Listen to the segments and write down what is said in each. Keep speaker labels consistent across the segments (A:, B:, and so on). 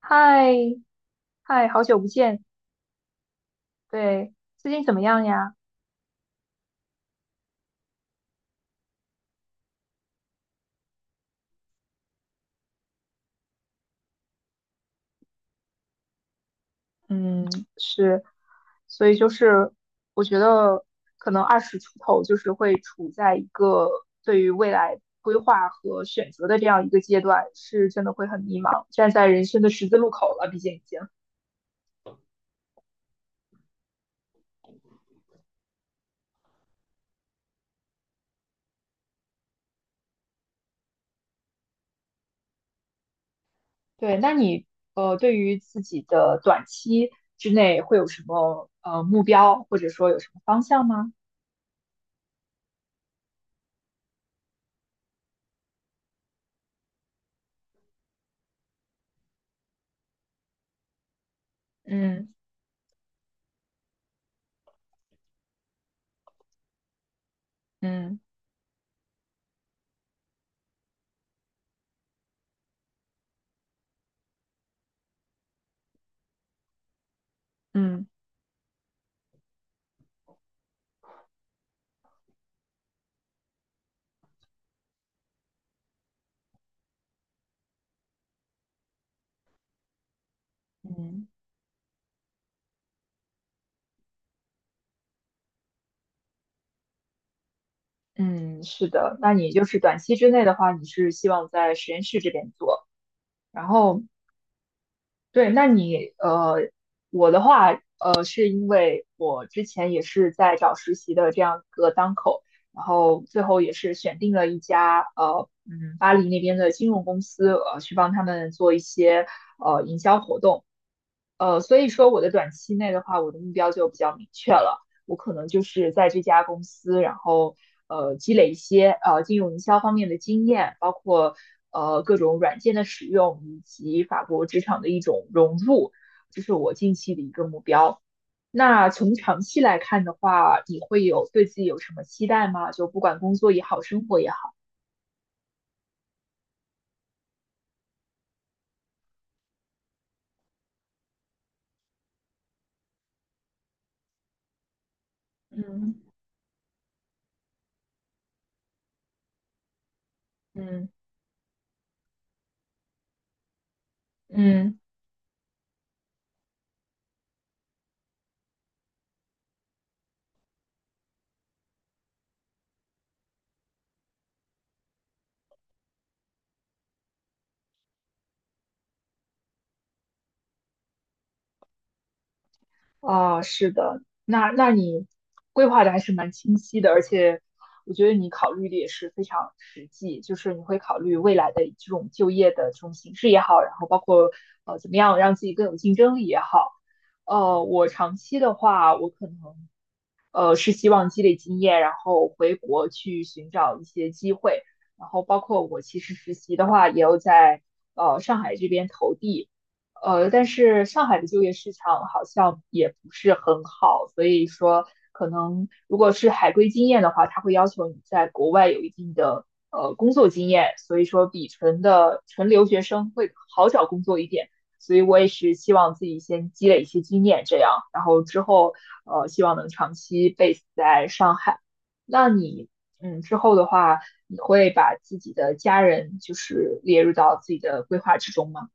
A: 嗨，嗨，好久不见，对，最近怎么样呀？嗯，是，所以就是我觉得可能二十出头就是会处在一个对于未来规划和选择的这样一个阶段，是真的会很迷茫，站在人生的十字路口了，毕竟已经。对，那你对于自己的短期之内会有什么目标，或者说有什么方向吗？嗯嗯嗯。嗯。嗯，是的，那你就是短期之内的话，你是希望在实验室这边做，然后对，那你我的话，是因为我之前也是在找实习的这样一个当口，然后最后也是选定了一家嗯，巴黎那边的金融公司，去帮他们做一些营销活动，所以说我的短期内的话，我的目标就比较明确了。我可能就是在这家公司，然后积累一些金融营销方面的经验，包括各种软件的使用以及法国职场的一种融入，这是我近期的一个目标。那从长期来看的话，你会有对自己有什么期待吗？就不管工作也好，生活也好。嗯嗯嗯，啊，是的，那你规划的还是蛮清晰的，而且我觉得你考虑的也是非常实际，就是你会考虑未来的这种就业的这种形式也好，然后包括怎么样让自己更有竞争力也好。我长期的话，我可能是希望积累经验，然后回国去寻找一些机会，然后包括我其实实习的话，也有在上海这边投递。但是上海的就业市场好像也不是很好，所以说可能如果是海归经验的话，他会要求你在国外有一定的工作经验，所以说比纯留学生会好找工作一点。所以我也是希望自己先积累一些经验，这样，然后之后希望能长期 base 在上海。那你之后的话，你会把自己的家人就是列入到自己的规划之中吗？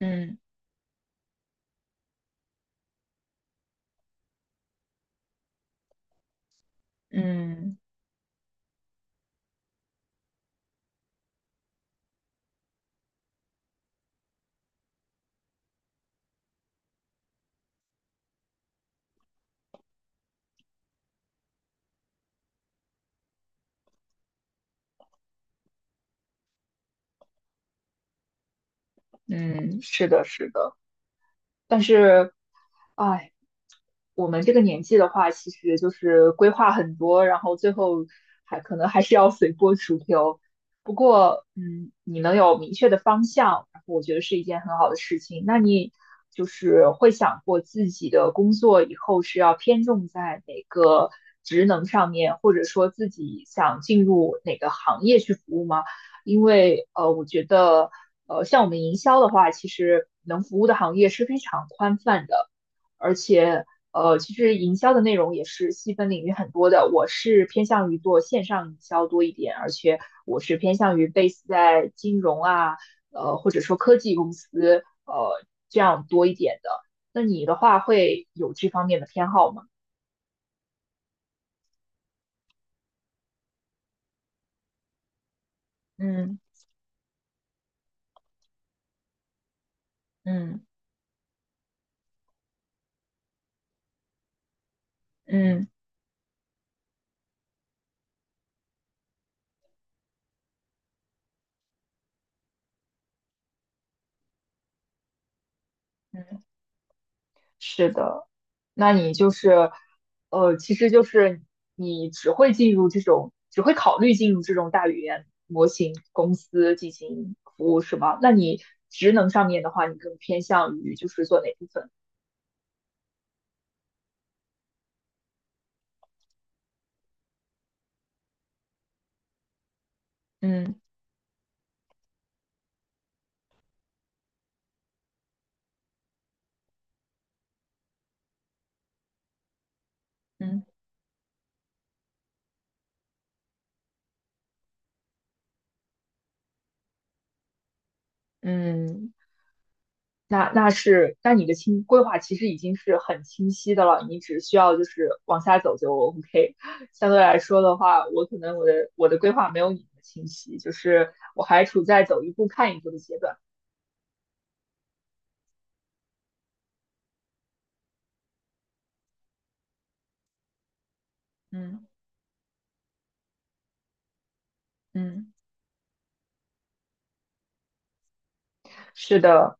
A: 嗯。嗯嗯，是的，是的，但是，哎，我们这个年纪的话，其实就是规划很多，然后最后还可能还是要随波逐流。不过，嗯，你能有明确的方向，然后我觉得是一件很好的事情。那你就是会想过自己的工作以后是要偏重在哪个职能上面，或者说自己想进入哪个行业去服务吗？因为我觉得像我们营销的话，其实能服务的行业是非常宽泛的，而且其实营销的内容也是细分领域很多的。我是偏向于做线上营销多一点，而且我是偏向于 base 在金融啊，或者说科技公司，这样多一点的。那你的话会有这方面的偏好吗？嗯嗯嗯嗯，是的。那你就是，其实就是你只会进入这种，只会考虑进入这种大语言模型公司进行服务，是吗？那你职能上面的话，你更偏向于就是做哪部分？嗯嗯嗯，那是，那你的清规划其实已经是很清晰的了，你只需要就是往下走就 OK。相对来说的话，我可能我的规划没有你的清晰，就是我还处在走一步看一步的阶段。嗯嗯。是的，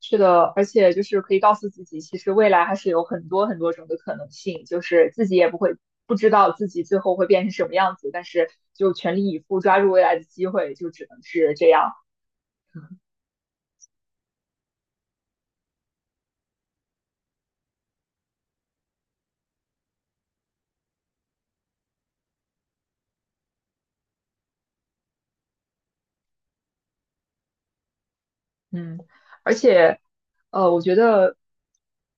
A: 是的，而且就是可以告诉自己，其实未来还是有很多很多种的可能性，就是自己也不会不知道自己最后会变成什么样子，但是就全力以赴抓住未来的机会，就只能是这样。嗯，而且，我觉得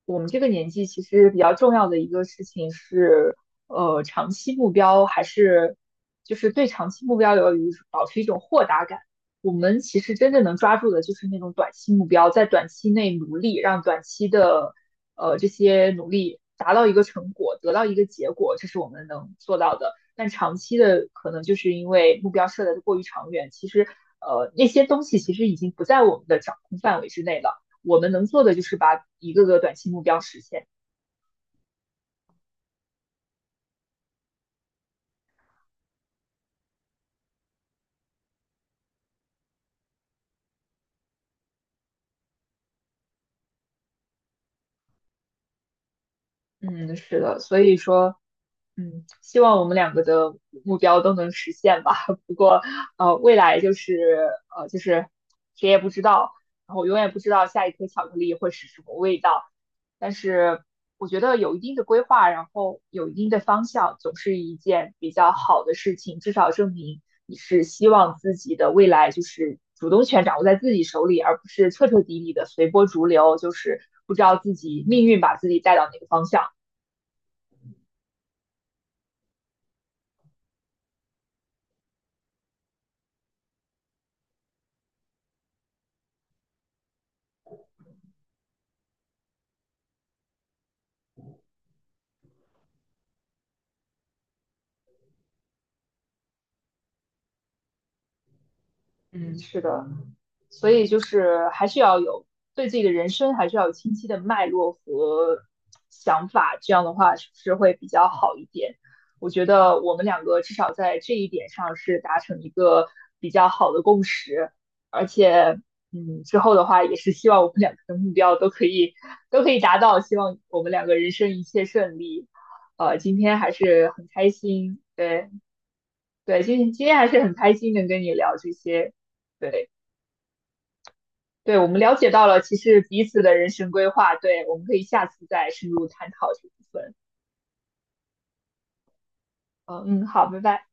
A: 我们这个年纪其实比较重要的一个事情是，长期目标还是就是对长期目标保持一种豁达感。我们其实真正能抓住的就是那种短期目标，在短期内努力，让短期的这些努力达到一个成果，得到一个结果，这是我们能做到的。但长期的可能就是因为目标设的过于长远，其实那些东西其实已经不在我们的掌控范围之内了。我们能做的就是把一个个短期目标实现。嗯，是的，所以说希望我们两个的目标都能实现吧。不过，未来就是就是谁也不知道，然后永远不知道下一颗巧克力会是什么味道。但是我觉得有一定的规划，然后有一定的方向，总是一件比较好的事情。至少证明你是希望自己的未来就是主动权掌握在自己手里，而不是彻彻底底的随波逐流，就是不知道自己命运把自己带到哪个方向。嗯，嗯是的。所以就是还是要有对自己的人生还是要有清晰的脉络和想法，这样的话是不是会比较好一点？我觉得我们两个至少在这一点上是达成一个比较好的共识，而且，嗯，之后的话也是希望我们两个的目标都可以达到，希望我们两个人生一切顺利。今天还是很开心，对对，今天还是很开心能跟你聊这些，对。对，我们了解到了其实彼此的人生规划，对，我们可以下次再深入探讨这部分。嗯嗯，好，拜拜。